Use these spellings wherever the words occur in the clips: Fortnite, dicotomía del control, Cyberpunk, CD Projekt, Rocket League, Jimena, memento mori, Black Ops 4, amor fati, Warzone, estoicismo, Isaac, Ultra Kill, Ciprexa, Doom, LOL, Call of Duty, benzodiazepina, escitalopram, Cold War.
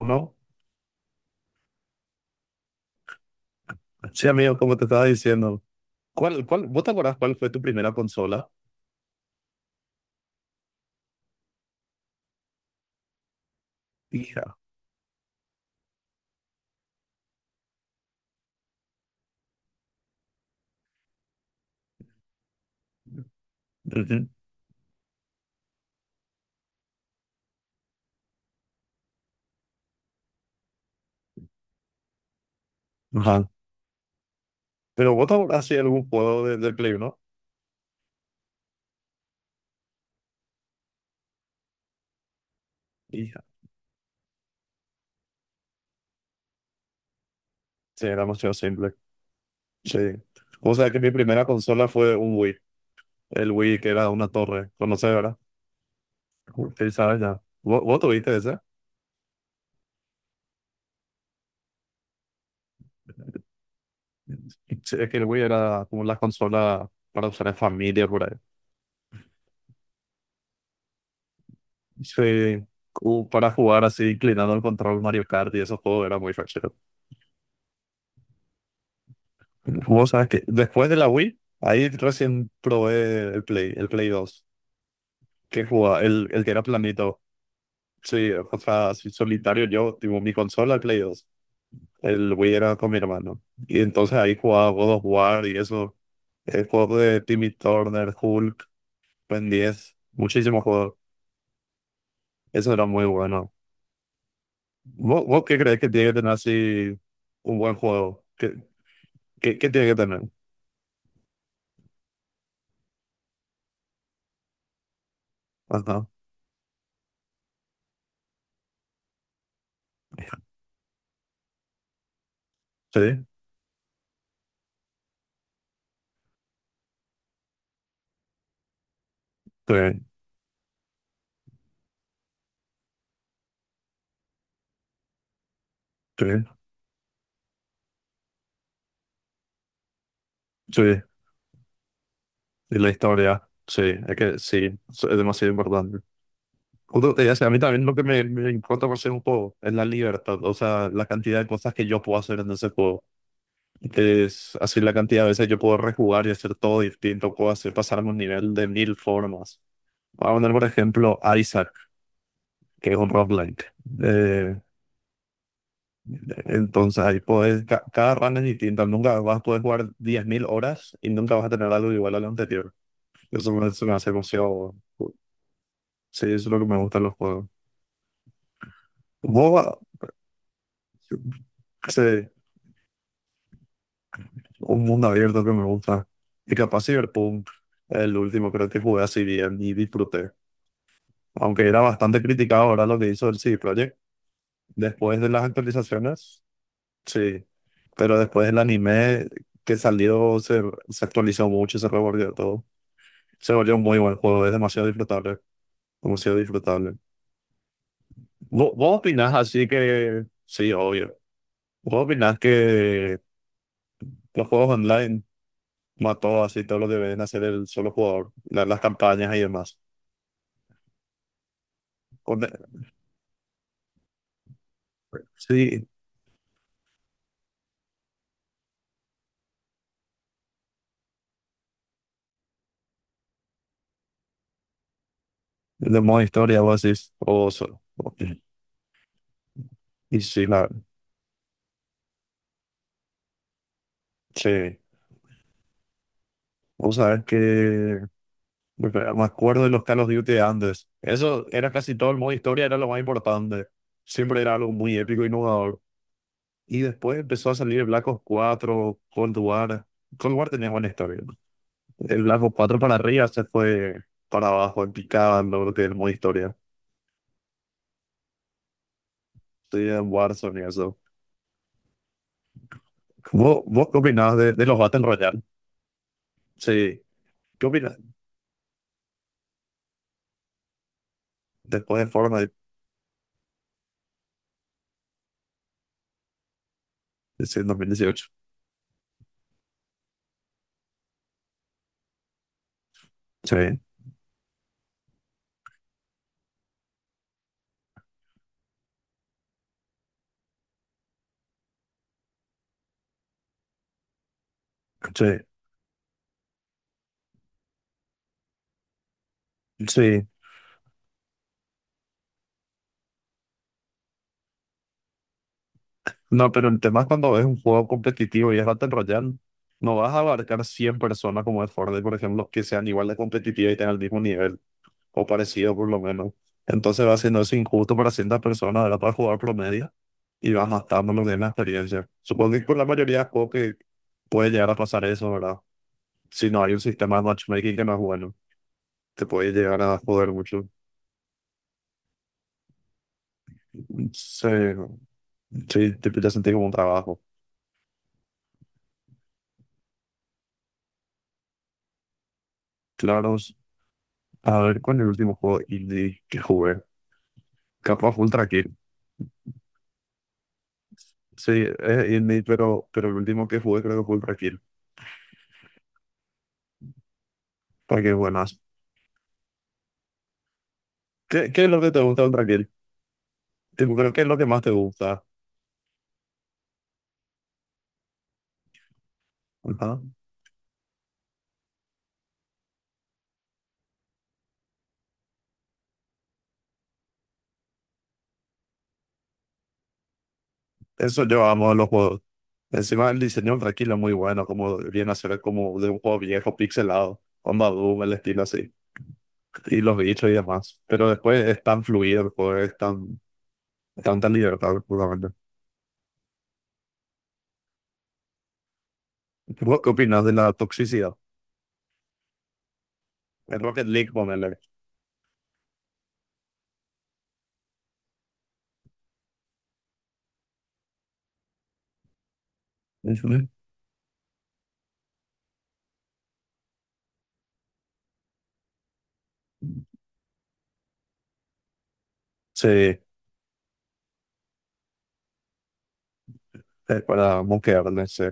No, sí, amigo, como te estaba diciendo. ¿Cuál, vos te acordás cuál fue tu primera consola? Hija. Ujú. Ajá. Pero vos te acordás si algún juego del Play, ¿no? Hija. Sí, era demasiado simple. Sí. O sea que mi primera consola fue un Wii. El Wii que era una torre. ¿Conoces, verdad? Sí, sabes ya. ¿Vos tuviste ese? Sí, es que el Wii era como la consola para usar en familia, por ahí. Sí. Como para jugar así, inclinando el control Mario Kart y esos juegos era muy fácil. Vos sabés que después de la Wii, ahí recién probé el Play 2. Que jugaba, el que era planito. Sí, o sea, así solitario yo, tipo mi consola, el Play 2. El Wii era con mi hermano. Y entonces ahí jugaba God of War y eso. El juego de Timmy Turner, Hulk, Ben 10, muchísimos juegos. Eso era muy bueno. ¿Vos qué crees que tiene que tener así un buen juego? ¿Qué tiene que tener? Ajá, sí, sí, sí, sí. Y la historia, sí, es que sí, es demasiado importante. Justo te iba a decir, a mí también lo que me importa por ser un juego es la libertad, o sea, la cantidad de cosas que yo puedo hacer en ese juego. Es así la cantidad de veces yo puedo rejugar y hacer todo distinto, puedo hacer pasarme un nivel de mil formas. Voy a poner, por ejemplo, Isaac, que es un roguelike. Eh, entonces ahí puedes, cada run es distinta, nunca vas a poder jugar 10.000 horas y nunca vas a tener algo igual al anterior. Eso me hace emoción. Sí, eso es lo que me gusta de los juegos. MOBA, yo qué sé, un mundo abierto que me gusta. Y capaz Cyberpunk, el último creo que jugué así bien y disfruté. Aunque era bastante criticado ahora lo que hizo el CD Projekt. Después de las actualizaciones, sí. Pero después del anime que salió, se actualizó mucho, se revolvió todo. Se volvió un muy buen juego, es demasiado disfrutable. Demasiado disfrutable. ¿Vos, opinás así que. Sí, obvio. ¿Vos opinás que los juegos online mató así todo lo que deben hacer el solo jugador, las campañas y demás. Con- sí, de modo historia, vos decís, o, y sí, sí, vos sabés que porque me acuerdo de los Call of Duty de antes, eso era casi todo el modo historia, era lo más importante, siempre era algo muy épico y innovador. Y después empezó a salir el Black Ops 4, Cold War. Cold War tenía buena historia, el Black Ops 4 para arriba se fue para abajo, en picada, lo que es el modo historia. Sí, en Warzone y eso. ¿Vos qué opinás de los Battle Royale? Sí. ¿Qué opinás después de Fortnite sí, en 2018? Sí. Sí. Sí. No, pero el tema es cuando es un juego competitivo y es Battle Royale, no vas a abarcar 100 personas como es Fortnite, por ejemplo, que sean igual de competitivas y tengan el mismo nivel, o parecido por lo menos. Entonces va siendo eso injusto para ciertas personas, ¿verdad? Para jugar promedio y vas matando lo que es la experiencia. Supongo que con la mayoría de juegos que puede llegar a pasar eso, ¿verdad? Si no hay un sistema de matchmaking que no es bueno. Te puede llegar a joder mucho. Se- sí, te empieza a sentir como un trabajo. Claro, a ver, ¿cuál es el último juego indie que jugué? Capaz fue Ultra Kill. Sí, es indie, pero el último que jugué creo que fue Ultra Kill. Para que buenas. ¿Qué es lo que te gusta de Ultra Kill? Tipo, creo que es lo que más te gusta. Ajá. Eso yo amo de los juegos. Encima el diseño de Ultra Kill es muy bueno, como viene a ser como de un juego viejo, pixelado. Onda Doom, el estilo así y los bichos y demás. Pero después es tan fluido el juego, es tan Tanta libertad, puramente. ¿Vos ¿Qué opinas de la toxicidad? En Rocket League, ponele. Ujú. Sí, para moquearme, sí.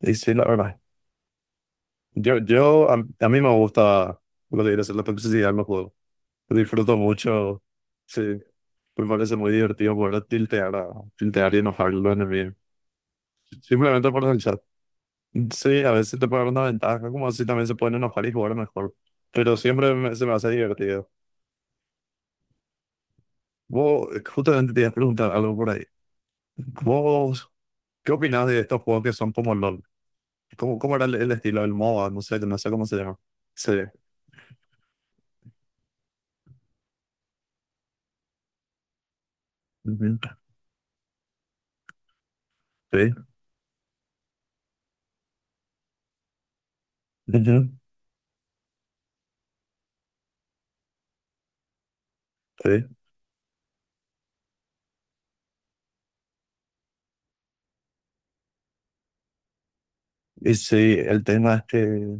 Y sí, la verdad. Yo, a mí me gusta lo de ir a hacer la toxicidad en los juegos. Disfruto mucho. Sí, me parece muy divertido poder tiltear y enojar a los enemigos. Simplemente por el chat. Sí, a veces te puede dar una ventaja, como así también se pueden enojar y jugar mejor. Pero siempre se me hace divertido. Vos, justamente te iba a preguntar algo por ahí. ¿Vos ¿Qué opinas de estos juegos que son como LOL? ¿Cómo era el estilo del MOBA? No sé, no sé cómo se llama. Sí. Ujú. Sí. Ujú, sí. Y sí, el tema es que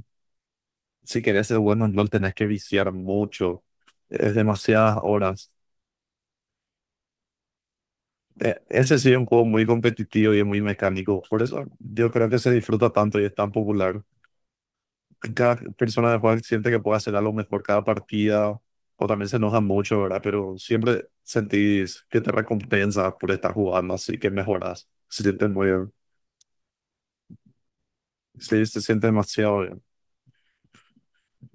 si querés ser bueno en LOL tenés que viciar mucho. Es demasiadas horas. Ese sí es un juego muy competitivo y es muy mecánico. Por eso yo creo que se disfruta tanto y es tan popular. Cada persona de juega siente que puede hacer algo mejor cada partida, o también se enoja mucho, ¿verdad? Pero siempre sentís que te recompensa por estar jugando, así que mejoras. Se siente muy bien. Sí, se siente demasiado bien.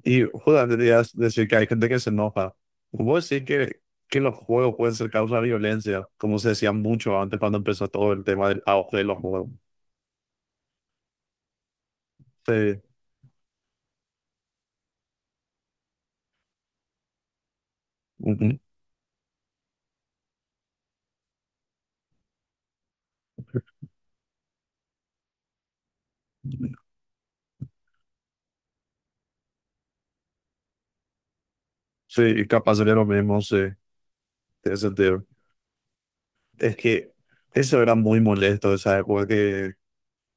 Y justamente querías decir que hay gente que se enoja. Vos decís que, los juegos pueden ser causa de violencia, como se decía mucho antes cuando empezó todo el tema del auge de los juegos. Sí, ujú. Sí y capaz sería lo mismo, sí, tiene sentido. Es que eso era muy molesto, o sea, porque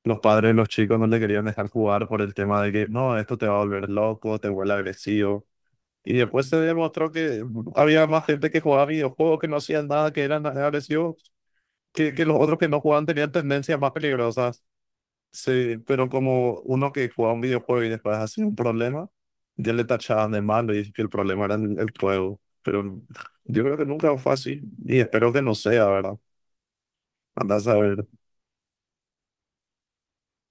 los padres de los chicos no le querían dejar jugar por el tema de que, no, esto te va a volver loco, te vuelve agresivo. Y después se demostró que había más gente que jugaba videojuegos, que no hacían nada, que eran agresivos, que los otros que no jugaban tenían tendencias más peligrosas. Sí, pero como uno que jugaba un videojuego y después hacía un problema, ya le tachaban de malo y que el problema era el juego. Pero yo creo que nunca fue así y espero que no sea, ¿verdad? Andás a ver.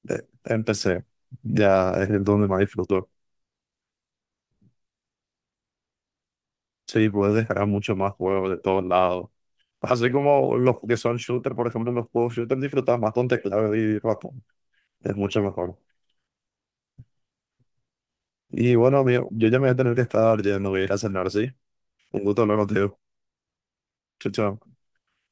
Empecé. Ya es el donde más disfruto. Sí, puedes descargar mucho más juegos de todos lados. Así como los que son shooter, por ejemplo, los juegos shooter disfrutas más con teclado y ratón. Es mucho mejor. Y bueno, amigo, yo ya me voy a tener que estar yendo, voy a ir a cenar, ¿sí? Un gusto hablar contigo. Chao, chao.